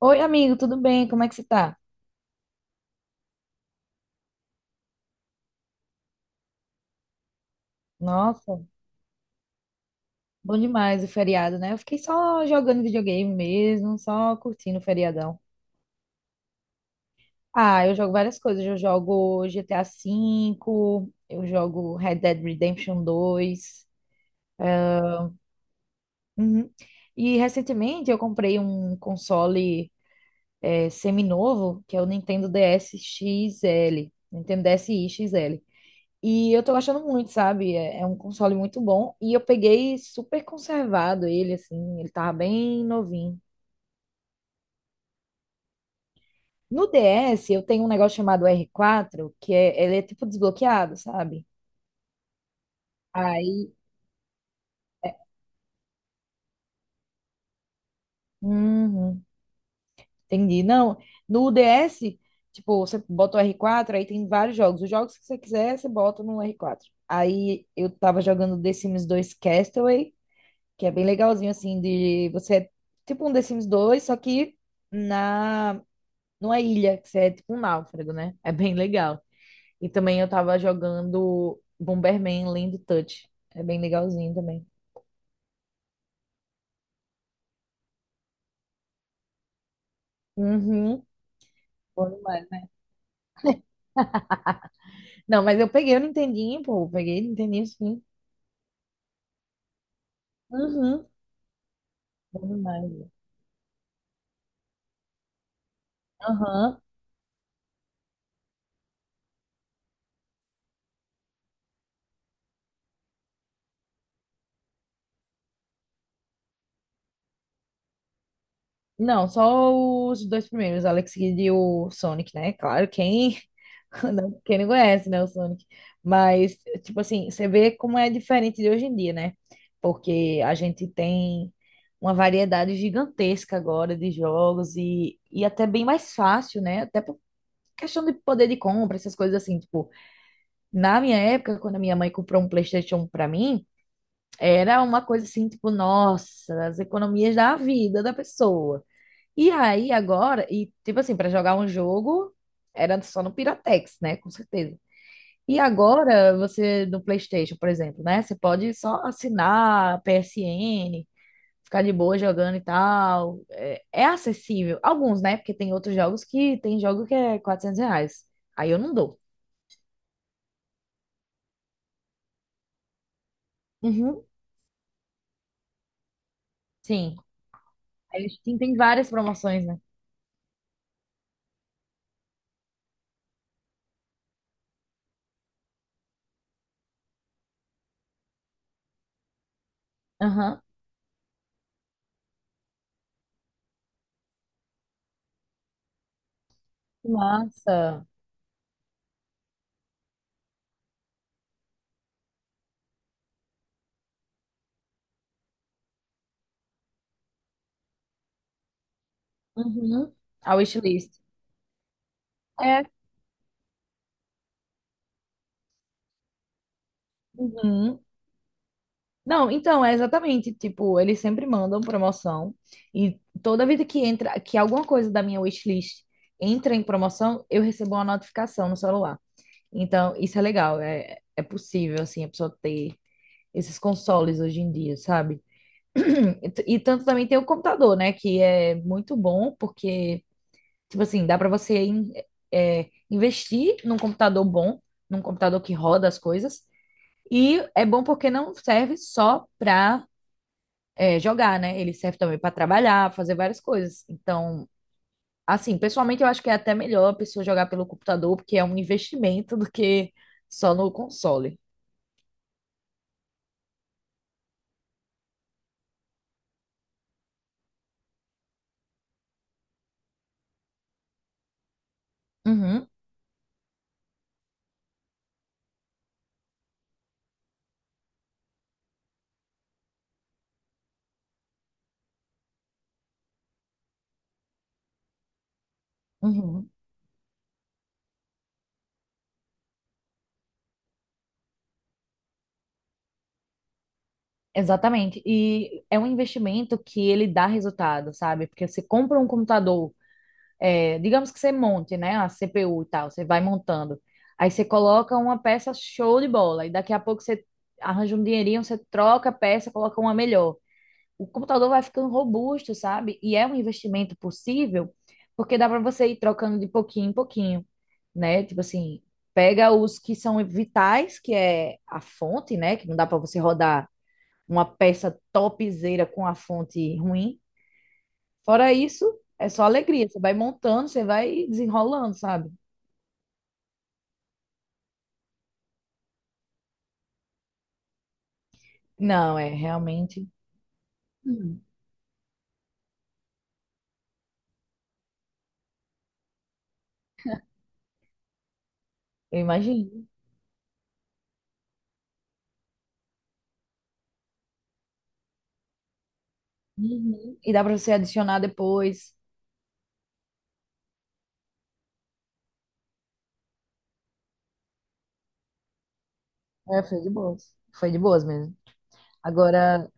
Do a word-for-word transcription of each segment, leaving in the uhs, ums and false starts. Oi, amigo, tudo bem? Como é que você tá? Nossa, bom demais o feriado, né? Eu fiquei só jogando videogame mesmo, só curtindo o feriadão. Ah, eu jogo várias coisas. Eu jogo G T A V, eu jogo Red Dead Redemption dois. Uhum. E recentemente eu comprei um console é, semi-novo, que é o Nintendo D S X L. Nintendo DSi X L. E eu tô gostando muito, sabe? É, é um console muito bom. E eu peguei super conservado ele, assim. Ele tava bem novinho. No D S, eu tenho um negócio chamado R quatro, que é, ele é tipo desbloqueado, sabe? Aí. é- Uhum, entendi. Não, no D S, tipo, você bota o R quatro, aí tem vários jogos. Os jogos que você quiser, você bota no R quatro. Aí eu tava jogando The Sims dois Castaway, que é bem legalzinho, assim, de você. é Tipo um The Sims dois, só que na numa ilha, que você é tipo um náufrago, né? É bem legal. E também eu tava jogando Bomberman Land Touch. É bem legalzinho também. Uhum. Bom demais. Não, mas eu peguei o Nintendinho, pô. Eu peguei o Nintendinho, sim. Uhum. Bom demais. Aham. Não, só os dois primeiros, Alex Kidd e o Sonic, né? Claro, quem Não, quem não conhece, né, o Sonic. Mas, tipo assim, você vê como é diferente de hoje em dia, né? Porque a gente tem uma variedade gigantesca agora de jogos e, e até bem mais fácil, né? Até por questão de poder de compra, essas coisas assim, tipo, na minha época, quando a minha mãe comprou um PlayStation pra mim, era uma coisa assim, tipo, nossa, as economias da vida da pessoa. E aí agora, e tipo assim, para jogar um jogo, era só no Piratex, né? Com certeza. E agora você no PlayStation, por exemplo, né? Você pode só assinar a P S N ficar de boa jogando e tal. É, é acessível. Alguns, né? Porque tem outros jogos que tem jogo que é quatrocentos reais. Aí eu não dou. Uhum. Sim. A Steam tem várias promoções, né? Aham. Massa. Uhum. A wishlist. É. Uhum. Não, então, é exatamente, tipo, eles sempre mandam promoção e toda vida que entra, que alguma coisa da minha wishlist entra em promoção, eu recebo uma notificação no celular. Então, isso é legal, é, é possível, assim, a pessoa ter esses consoles hoje em dia, sabe? E t- e tanto também tem o computador, né, que é muito bom porque, tipo assim, dá para você in- é, investir num computador bom, num computador que roda as coisas, e é bom porque não serve só para é, jogar, né? Ele serve também para trabalhar, fazer várias coisas. Então, assim, pessoalmente eu acho que é até melhor a pessoa jogar pelo computador, porque é um investimento do que só no console. Uhum, uhum. Exatamente. E é um investimento que ele dá resultado, sabe? Porque você compra um computador, é, digamos que você monte, né? A C P U e tal, você vai montando. Aí você coloca uma peça show de bola, e daqui a pouco você arranja um dinheirinho, você troca a peça, coloca uma melhor. O computador vai ficando robusto, sabe? E é um investimento possível, porque dá para você ir trocando de pouquinho em pouquinho, né? Tipo assim, pega os que são vitais, que é a fonte, né? Que não dá para você rodar uma peça topzera com a fonte ruim. Fora isso, é só alegria. Você vai montando, você vai desenrolando, sabe? Não, é realmente. Hum, eu imagino. Uhum. E dá para você adicionar depois. É, foi de boas. Foi de boas mesmo. Agora,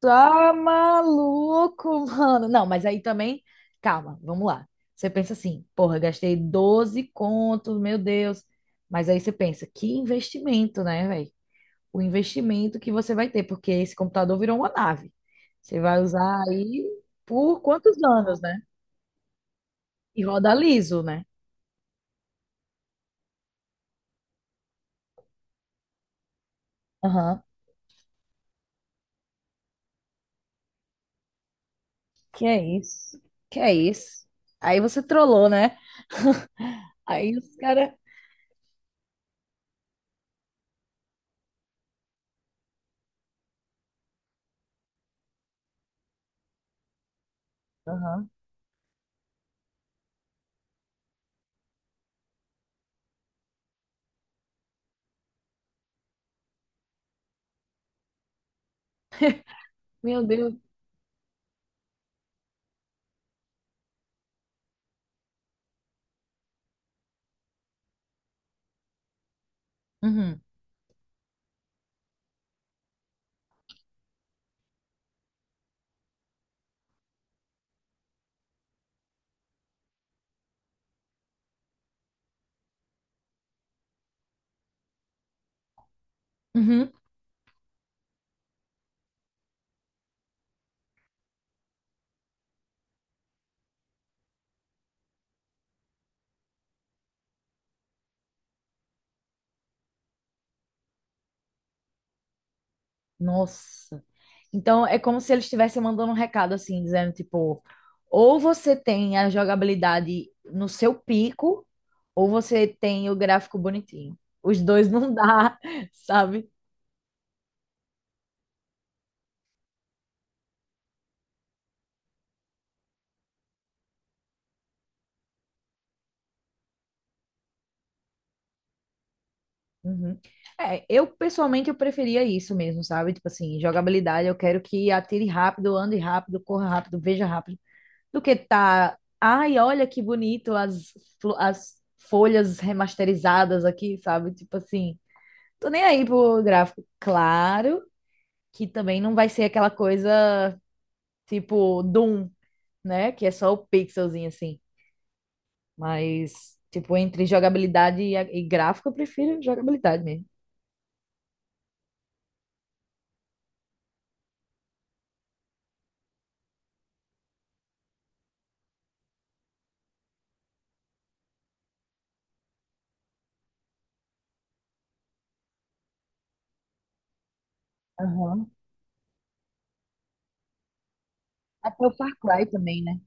tá maluco, mano. Não, mas aí também, calma, vamos lá. Você pensa assim, porra, gastei doze contos, meu Deus. Mas aí você pensa, que investimento, né, velho? O investimento que você vai ter, porque esse computador virou uma nave. Você vai usar aí por quantos anos, né? E roda liso, né? Aham. Que é isso? Que é isso? Aí você trollou, né? Aí os caras. Aham. Meu Deus. Uhum. Uhum. Nossa. Então é como se eles estivessem mandando um recado assim, dizendo tipo, ou você tem a jogabilidade no seu pico, ou você tem o gráfico bonitinho. Os dois não dá, sabe? Uhum. É, eu pessoalmente eu preferia isso mesmo, sabe? Tipo assim, jogabilidade, eu quero que atire rápido, ande rápido, corra rápido, veja rápido, do que tá, ai, olha que bonito as flo- as folhas remasterizadas aqui, sabe? Tipo assim, tô nem aí pro gráfico. Claro que também não vai ser aquela coisa tipo Doom, né? Que é só o pixelzinho assim. Mas, tipo, entre jogabilidade e, e gráfico, eu prefiro jogabilidade mesmo. Aham. Até o Far Cry também, né?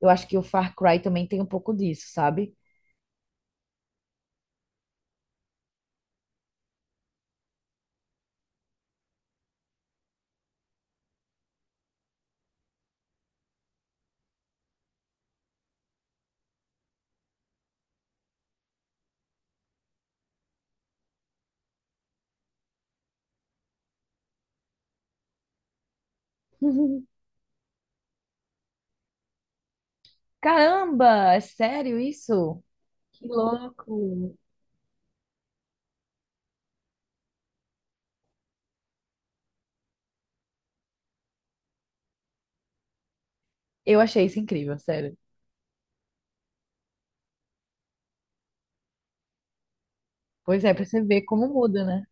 Eu acho que o Far Cry também tem um pouco disso, sabe? Caramba, é sério isso? Que louco! Eu achei isso incrível, sério. Pois é, pra você ver como muda, né?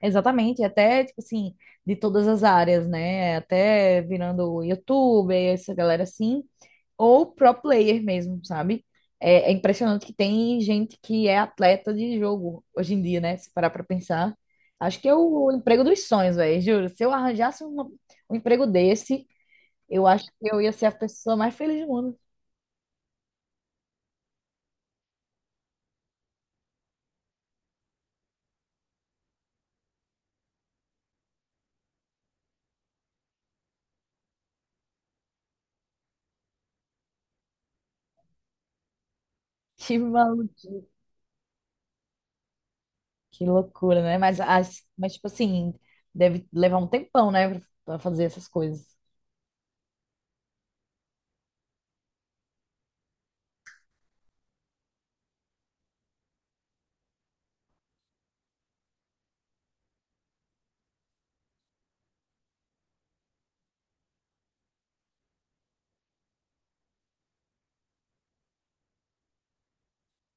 Exatamente, até, tipo assim, de todas as áreas, né? Até virando youtuber, essa galera assim, ou pro player mesmo, sabe? É, é impressionante que tem gente que é atleta de jogo hoje em dia, né? Se parar pra pensar. Acho que é o emprego dos sonhos, velho, juro. Se eu arranjasse uma- um emprego desse, eu acho que eu ia ser a pessoa mais feliz do mundo. Que maluco, que loucura, né? Mas, as, mas tipo assim, deve levar um tempão, né? Pra fazer essas coisas.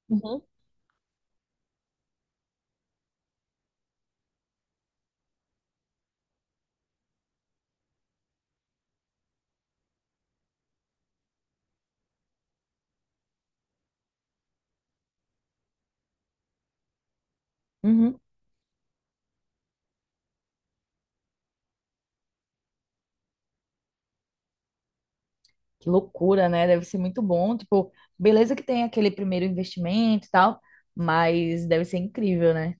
Uhum. Uhum. Que loucura, né? Deve ser muito bom. Tipo, beleza que tem aquele primeiro investimento e tal, mas deve ser incrível, né?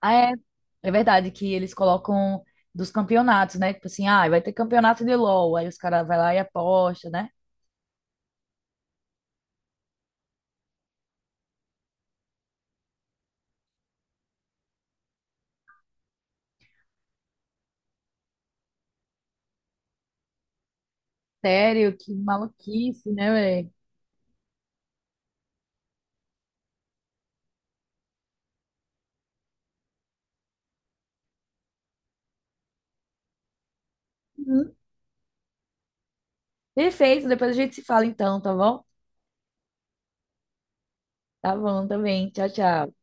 Ah, é, é verdade que eles colocam dos campeonatos, né? Tipo assim, ah, vai ter campeonato de LOL. Aí os caras vai lá e aposta, né? Sério, que maluquice, né, velho? Uhum. Perfeito, depois a gente se fala então, tá bom? Tá bom também. Tchau, tchau.